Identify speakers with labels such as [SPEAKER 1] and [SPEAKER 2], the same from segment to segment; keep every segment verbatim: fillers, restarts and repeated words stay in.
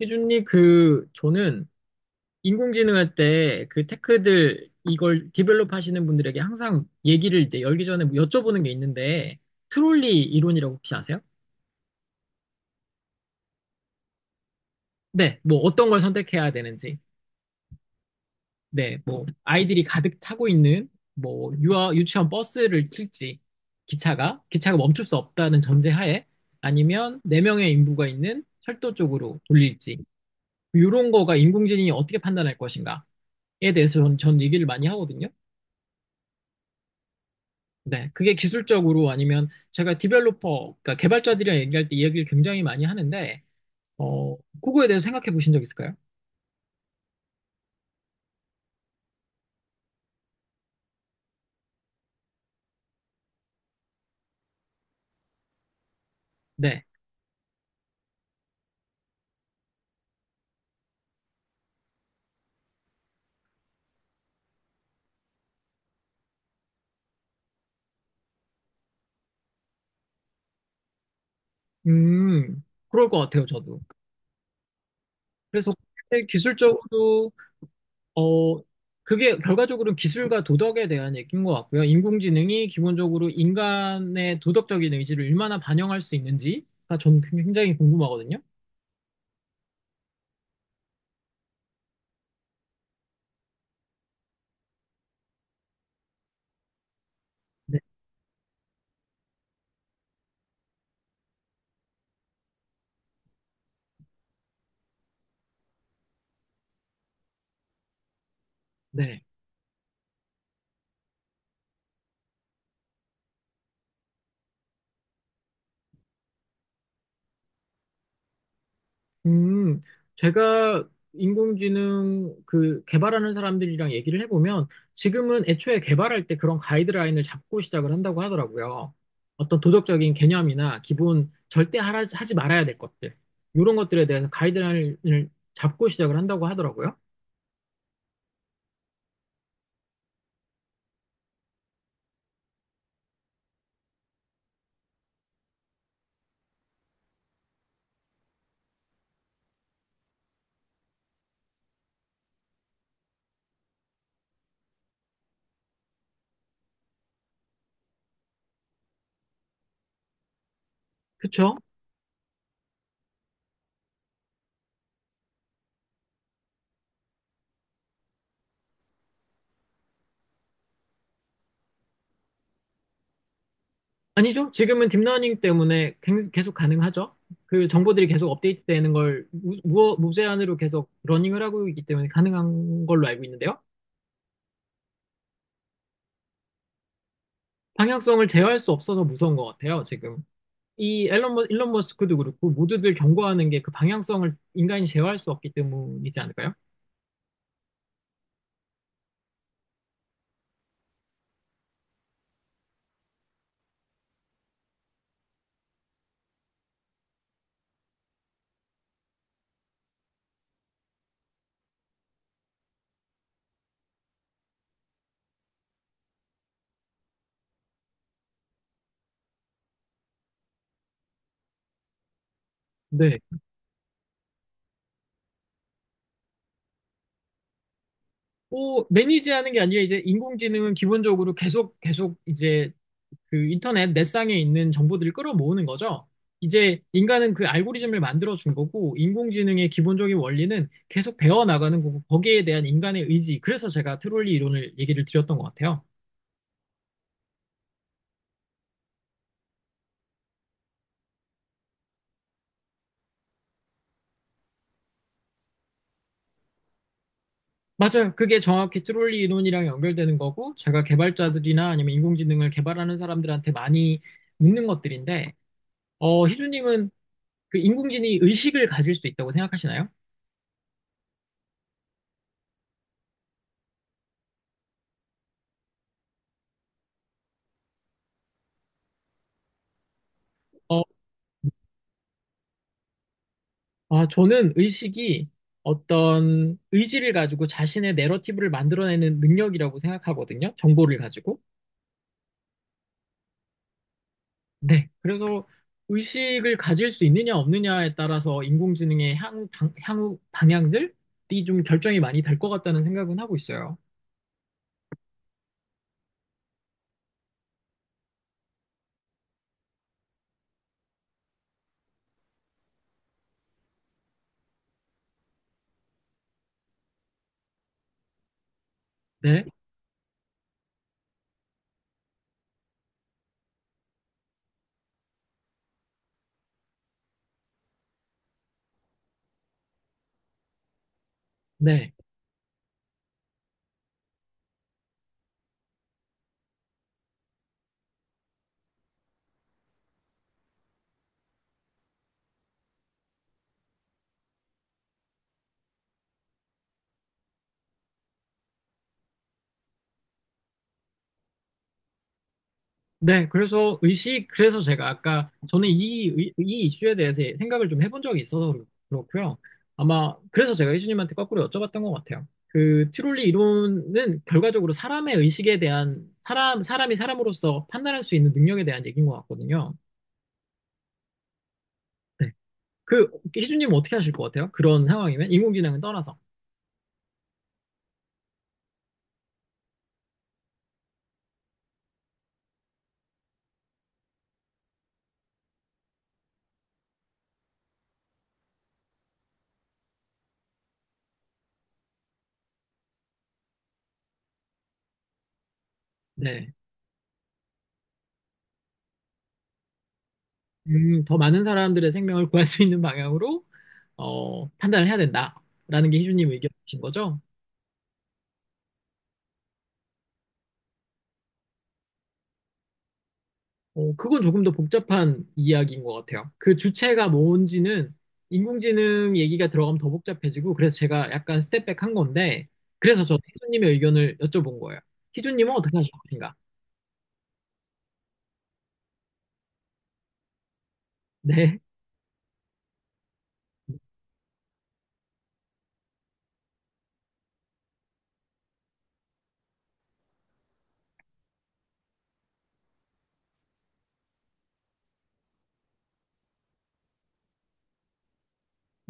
[SPEAKER 1] 희준님, 그, 저는 인공지능 할 때 그 테크들 이걸 디벨롭 하시는 분들에게 항상 얘기를 이제 열기 전에 뭐 여쭤보는 게 있는데, 트롤리 이론이라고 혹시 아세요? 네, 뭐 어떤 걸 선택해야 되는지. 네, 뭐 아이들이 가득 타고 있는 뭐 유아, 유치원 버스를 칠지, 기차가, 기차가 멈출 수 없다는 전제하에 아니면 네명의 인부가 있는 철도 쪽으로 돌릴지, 이런 거가 인공지능이 어떻게 판단할 것인가에 대해서 전, 전 얘기를 많이 하거든요. 네, 그게 기술적으로 아니면 제가 디벨로퍼, 그러니까 개발자들이랑 얘기할 때 이야기를 굉장히 많이 하는데, 어, 그거에 대해서 생각해 보신 적 있을까요? 네. 음, 그럴 것 같아요, 저도. 그래서 그게 기술적으로, 어, 그게 결과적으로는 기술과 도덕에 대한 얘기인 것 같고요. 인공지능이 기본적으로 인간의 도덕적인 의지를 얼마나 반영할 수 있는지가 저는 굉장히 궁금하거든요. 네, 네. 음, 제가 인공지능 그 개발하는 사람들이랑 얘기를 해보면 지금은 애초에 개발할 때 그런 가이드라인을 잡고 시작을 한다고 하더라고요. 어떤 도덕적인 개념이나 기본 절대 하라- 하지 말아야 될 것들, 이런 것들에 대해서 가이드라인을 잡고 시작을 한다고 하더라고요. 그쵸? 아니죠. 지금은 딥러닝 때문에 갱- 계속 가능하죠. 그 정보들이 계속 업데이트 되는 걸 무, 무- 무제한으로 계속 러닝을 하고 있기 때문에 가능한 걸로 알고 있는데요. 방향성을 제어할 수 없어서 무서운 것 같아요, 지금. 이 앨런 머, 일론 머스크도 그렇고, 모두들 경고하는 게 그 방향성을 인간이 제어할 수 없기 때문이지 않을까요? 네. 뭐, 매니지하는 게 아니라 이제 인공지능은 기본적으로 계속, 계속 이제 그 인터넷 넷상에 있는 정보들을 끌어모으는 거죠. 이제 인간은 그 알고리즘을 만들어 준 거고, 인공지능의 기본적인 원리는 계속 배워나가는 거고, 거기에 대한 인간의 의지. 그래서 제가 트롤리 이론을 얘기를 드렸던 것 같아요. 맞아요. 그게 정확히 트롤리 이론이랑 연결되는 거고, 제가 개발자들이나 아니면 인공지능을 개발하는 사람들한테 많이 묻는 것들인데, 어, 희주님은 그 인공지능이 의식을 가질 수 있다고 생각하시나요? 어, 아, 저는 의식이 어떤 의지를 가지고 자신의 내러티브를 만들어내는 능력이라고 생각하거든요. 정보를 가지고. 네. 그래서 의식을 가질 수 있느냐 없느냐에 따라서 인공지능의 향후, 방, 향후 방향들이 좀 결정이 많이 될 것 같다는 생각은 하고 있어요. 네. 네. 네, 그래서 의식, 그래서 제가 아까 저는 이, 의- 이 이슈에 대해서 생각을 좀 해본 적이 있어서 그렇- 그렇고요. 아마 그래서 제가 희준님한테 거꾸로 여쭤봤던 것 같아요. 그 트롤리 이론은 결과적으로 사람의 의식에 대한 사람, 사람이 사람으로서 판단할 수 있는 능력에 대한 얘기인 것 같거든요. 네. 그 희준님은 어떻게 하실 것 같아요? 그런 상황이면 인공지능은 떠나서. 네. 음, 더 많은 사람들의 생명을 구할 수 있는 방향으로 어, 판단을 해야 된다라는 게 희준님 의견이신 거죠? 어, 그건 조금 더 복잡한 이야기인 것 같아요. 그 주체가 뭔지는 인공지능 얘기가 들어가면 더 복잡해지고, 그래서 제가 약간 스텝백 한 건데, 그래서 저 희준님의 의견을 여쭤본 거예요. 희준님은 어떻게 하실 것인가? 네.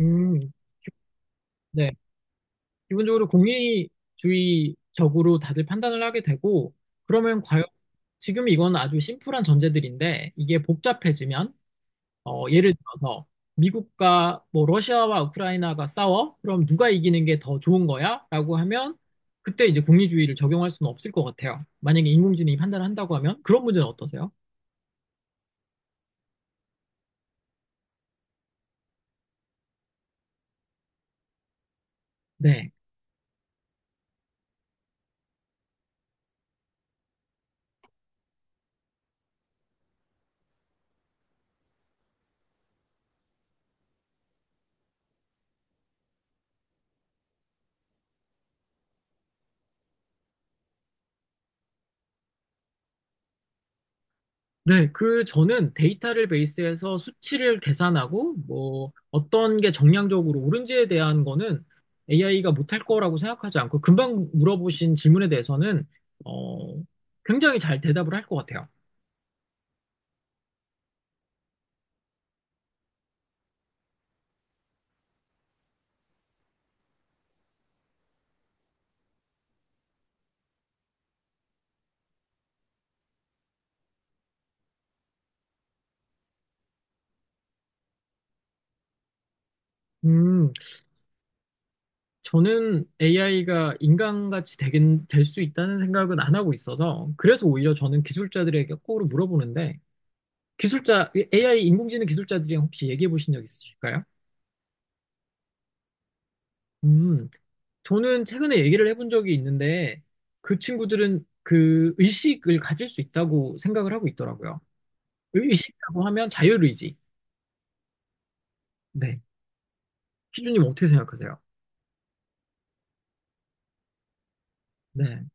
[SPEAKER 1] 음, 네. 기본적으로 공리주의적으로 다들 판단을 하게 되고, 그러면 과연 지금 이건 아주 심플한 전제들인데, 이게 복잡해지면 어, 예를 들어서 미국과 뭐 러시아와 우크라이나가 싸워? 그럼 누가 이기는 게 더 좋은 거야? 라고 하면 그때 이제 공리주의를 적용할 수는 없을 것 같아요. 만약에 인공지능이 판단을 한다고 하면 그런 문제는 어떠세요? 네. 네, 그 저는 데이터를 베이스해서 수치를 계산하고 뭐 어떤 게 정량적으로 옳은지에 대한 거는 에이아이가 못할 거라고 생각하지 않고 금방 물어보신 질문에 대해서는 어, 굉장히 잘 대답을 할 것 같아요. 음, 저는 에이아이가 인간같이 되긴 될 수 있다는 생각은 안 하고 있어서 그래서 오히려 저는 기술자들에게 거꾸로 물어보는데 기술자 에이아이 인공지능 기술자들이랑 혹시 얘기해 보신 적 있으실까요? 음, 저는 최근에 얘기를 해본 적이 있는데 그 친구들은 그 의식을 가질 수 있다고 생각을 하고 있더라고요. 의식이라고 하면 자율의지. 네. 희준님 어떻게 생각하세요? 네.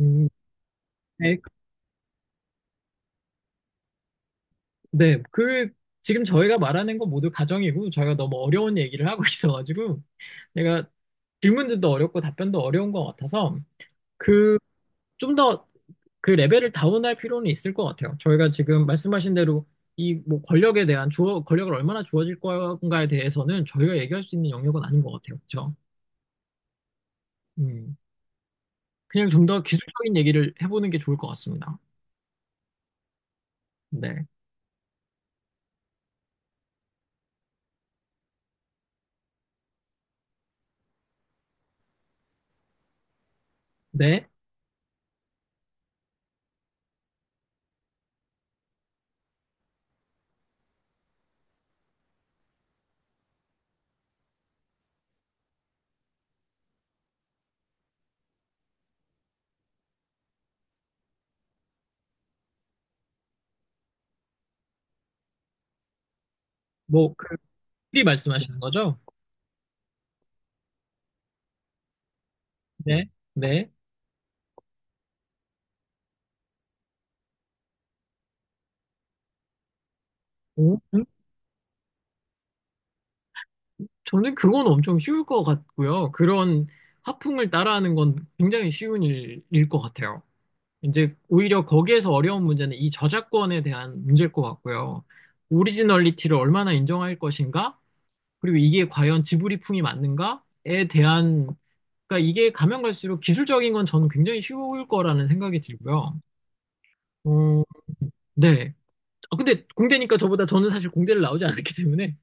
[SPEAKER 1] 음, 네. 네, 그, 지금 저희가 말하는 건 모두 가정이고, 저희가 너무 어려운 얘기를 하고 있어가지고, 내가 질문들도 어렵고 답변도 어려운 것 같아서, 그, 좀 더 그 레벨을 다운할 필요는 있을 것 같아요. 저희가 지금 말씀하신 대로 이 뭐 권력에 대한 주어, 권력을 얼마나 주어질 건가에 대해서는 저희가 얘기할 수 있는 영역은 아닌 것 같아요. 그렇죠? 음, 그냥 좀 더 기술적인 얘기를 해보는 게 좋을 것 같습니다. 네. 네. 뭐, 그, 미리 말씀하시는 거죠? 네. 네. 오. 음. 저는 그건 엄청 쉬울 것 같고요. 그런 화풍을 따라하는 건 굉장히 쉬운 일일 것 같아요. 이제 오히려 거기에서 어려운 문제는 이 저작권에 대한 문제일 것 같고요. 오리지널리티를 얼마나 인정할 것인가? 그리고 이게 과연 지브리풍이 맞는가에 대한, 그러니까 이게 가면 갈수록 기술적인 건 저는 굉장히 쉬울 거라는 생각이 들고요. 어, 네. 아, 근데 공대니까 저보다 저는 사실 공대를 나오지 않았기 때문에.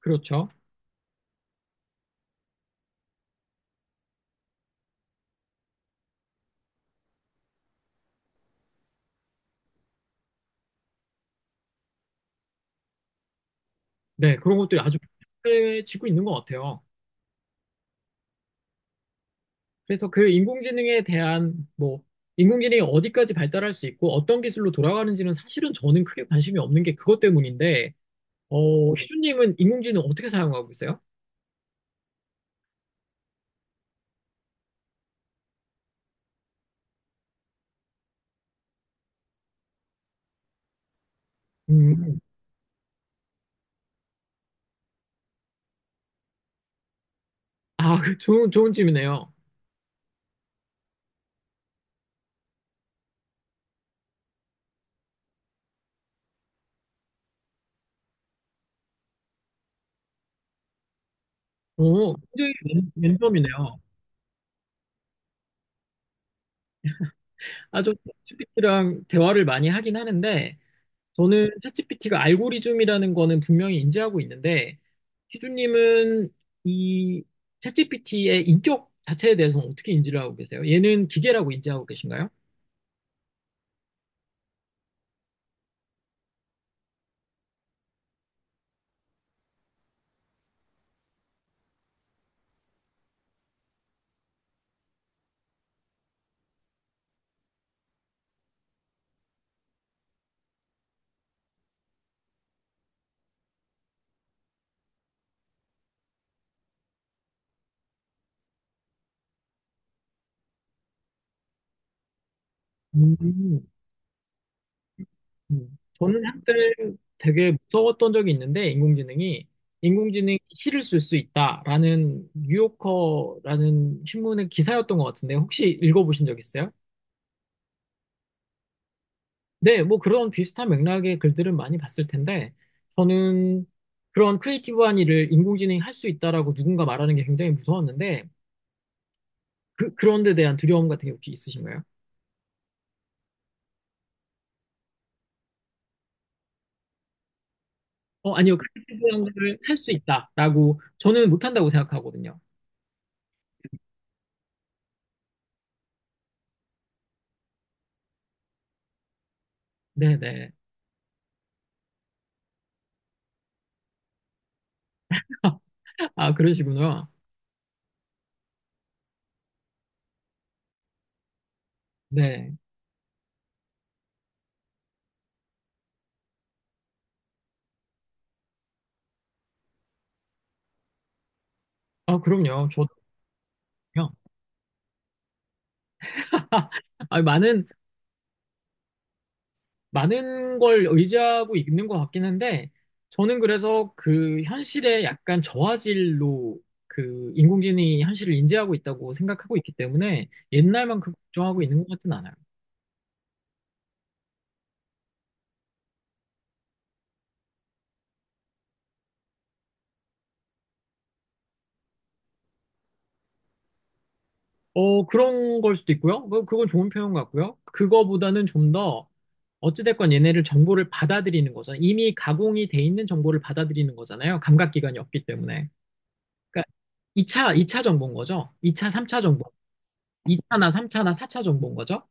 [SPEAKER 1] 그렇죠. 네. 그런 것들이 아주 편해지고 있는 것 같아요. 그래서 그 인공지능에 대한 뭐 인공지능이 어디까지 발달할 수 있고 어떤 기술로 돌아가는지는 사실은 저는 크게 관심이 없는 게 그것 때문인데 어, 희준님은 인공지능 어떻게 사용하고 있어요? 음. 아, 그 좋은 좋은 질문이네요. 오, 굉장히 랜- 랜덤이네요. 아저 지피티랑 대화를 많이 하긴 하는데 저는 챗지피티가 알고리즘이라는 거는 분명히 인지하고 있는데, 희준님은 이 챗지피티의 인격 자체에 대해서는 어떻게 인지를 하고 계세요? 얘는 기계라고 인지하고 계신가요? 음. 음. 저는 한때 되게 무서웠던 적이 있는데, 인공지능이, 인공지능이 시를 쓸 수 있다라는 뉴요커라는 신문의 기사였던 것 같은데, 혹시 읽어보신 적 있어요? 네, 뭐 그런 비슷한 맥락의 글들은 많이 봤을 텐데, 저는 그런 크리에이티브한 일을 인공지능이 할 수 있다라고 누군가 말하는 게 굉장히 무서웠는데, 그, 그런 데 대한 두려움 같은 게 혹시 있으신가요? 어, 아니요. 크리에이티브한 걸 할 수 있다라고 저는 못한다고 생각하거든요. 네네. 아, 그러시구나. 네. 아, 그럼요. 저도요. 아, 많은 많은 걸 의지하고 있는 것 같긴 한데, 저는 그래서 그 현실에 약간 저화질로 그 인공지능이 현실을 인지하고 있다고 생각하고 있기 때문에 옛날만큼 걱정하고 있는 것 같진 않아요. 어, 그런 걸 수도 있고요. 뭐, 그건 좋은 표현 같고요. 그거보다는 좀 더, 어찌됐건 얘네를 정보를 받아들이는 거죠. 이미 가공이 돼 있는 정보를 받아들이는 거잖아요. 감각기관이 없기 때문에. 그러니까 이차 2차 정보인 거죠. 이차, 삼차 정보. 이차나 삼차나 사차 정보인 거죠.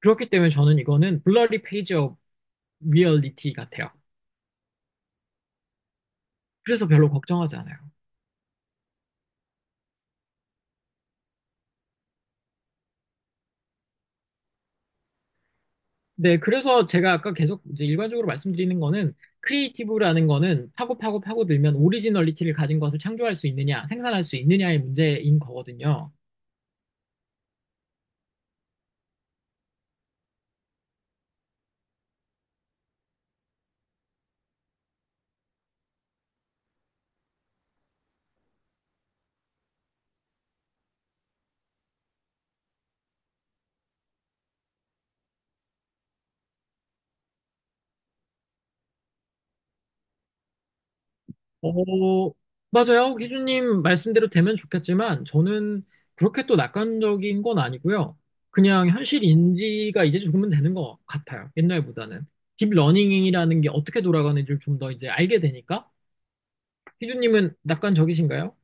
[SPEAKER 1] 그렇기 때문에 저는 이거는 blurry page of reality 같아요. 그래서 별로 걱정하지 않아요. 네, 그래서 제가 아까 계속 이제 일반적으로 말씀드리는 거는 크리에이티브라는 거는 파고 파고 파고들면 오리지널리티를 가진 것을 창조할 수 있느냐, 생산할 수 있느냐의 문제인 거거든요. 어, 맞아요. 기준님 말씀대로 되면 좋겠지만 저는 그렇게 또 낙관적인 건 아니고요. 그냥 현실 인지가 이제 조금은 되는 것 같아요. 옛날보다는. 딥러닝이라는 게 어떻게 돌아가는지를 좀 더 이제 알게 되니까 희주님은 낙관적이신가요?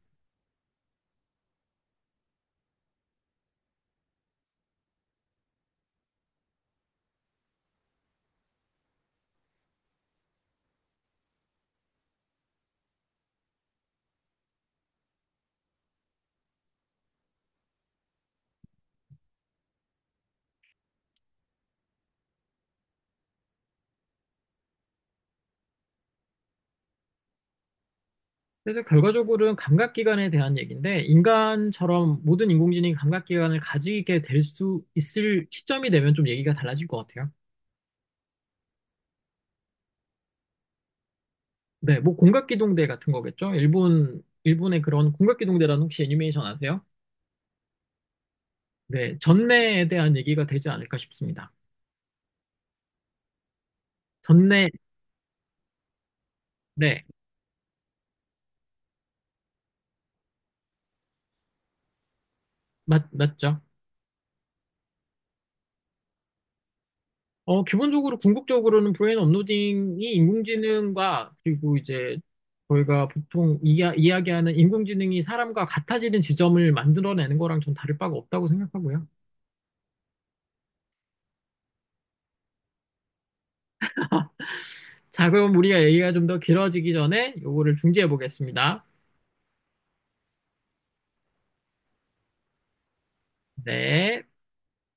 [SPEAKER 1] 그래서 결과적으로는 감각기관에 대한 얘기인데, 인간처럼 모든 인공지능이 감각기관을 가지게 될 수 있을 시점이 되면 좀 얘기가 달라질 것 같아요. 네, 뭐 공각기동대 같은 거겠죠? 일본, 일본의 그런 공각기동대라는 혹시 애니메이션 아세요? 네, 전내에 대한 얘기가 되지 않을까 싶습니다. 전내, 네, 맞, 맞죠? 어, 기본적으로 궁극적으로는 브레인 업로딩이 인공지능과 그리고 이제 저희가 보통 이야, 이야기하는 인공지능이 사람과 같아지는 지점을 만들어내는 거랑 전 다를 바가 없다고 생각하고요. 자, 그럼 우리가 얘기가 좀 더 길어지기 전에 요거를 중지해 보겠습니다. 네.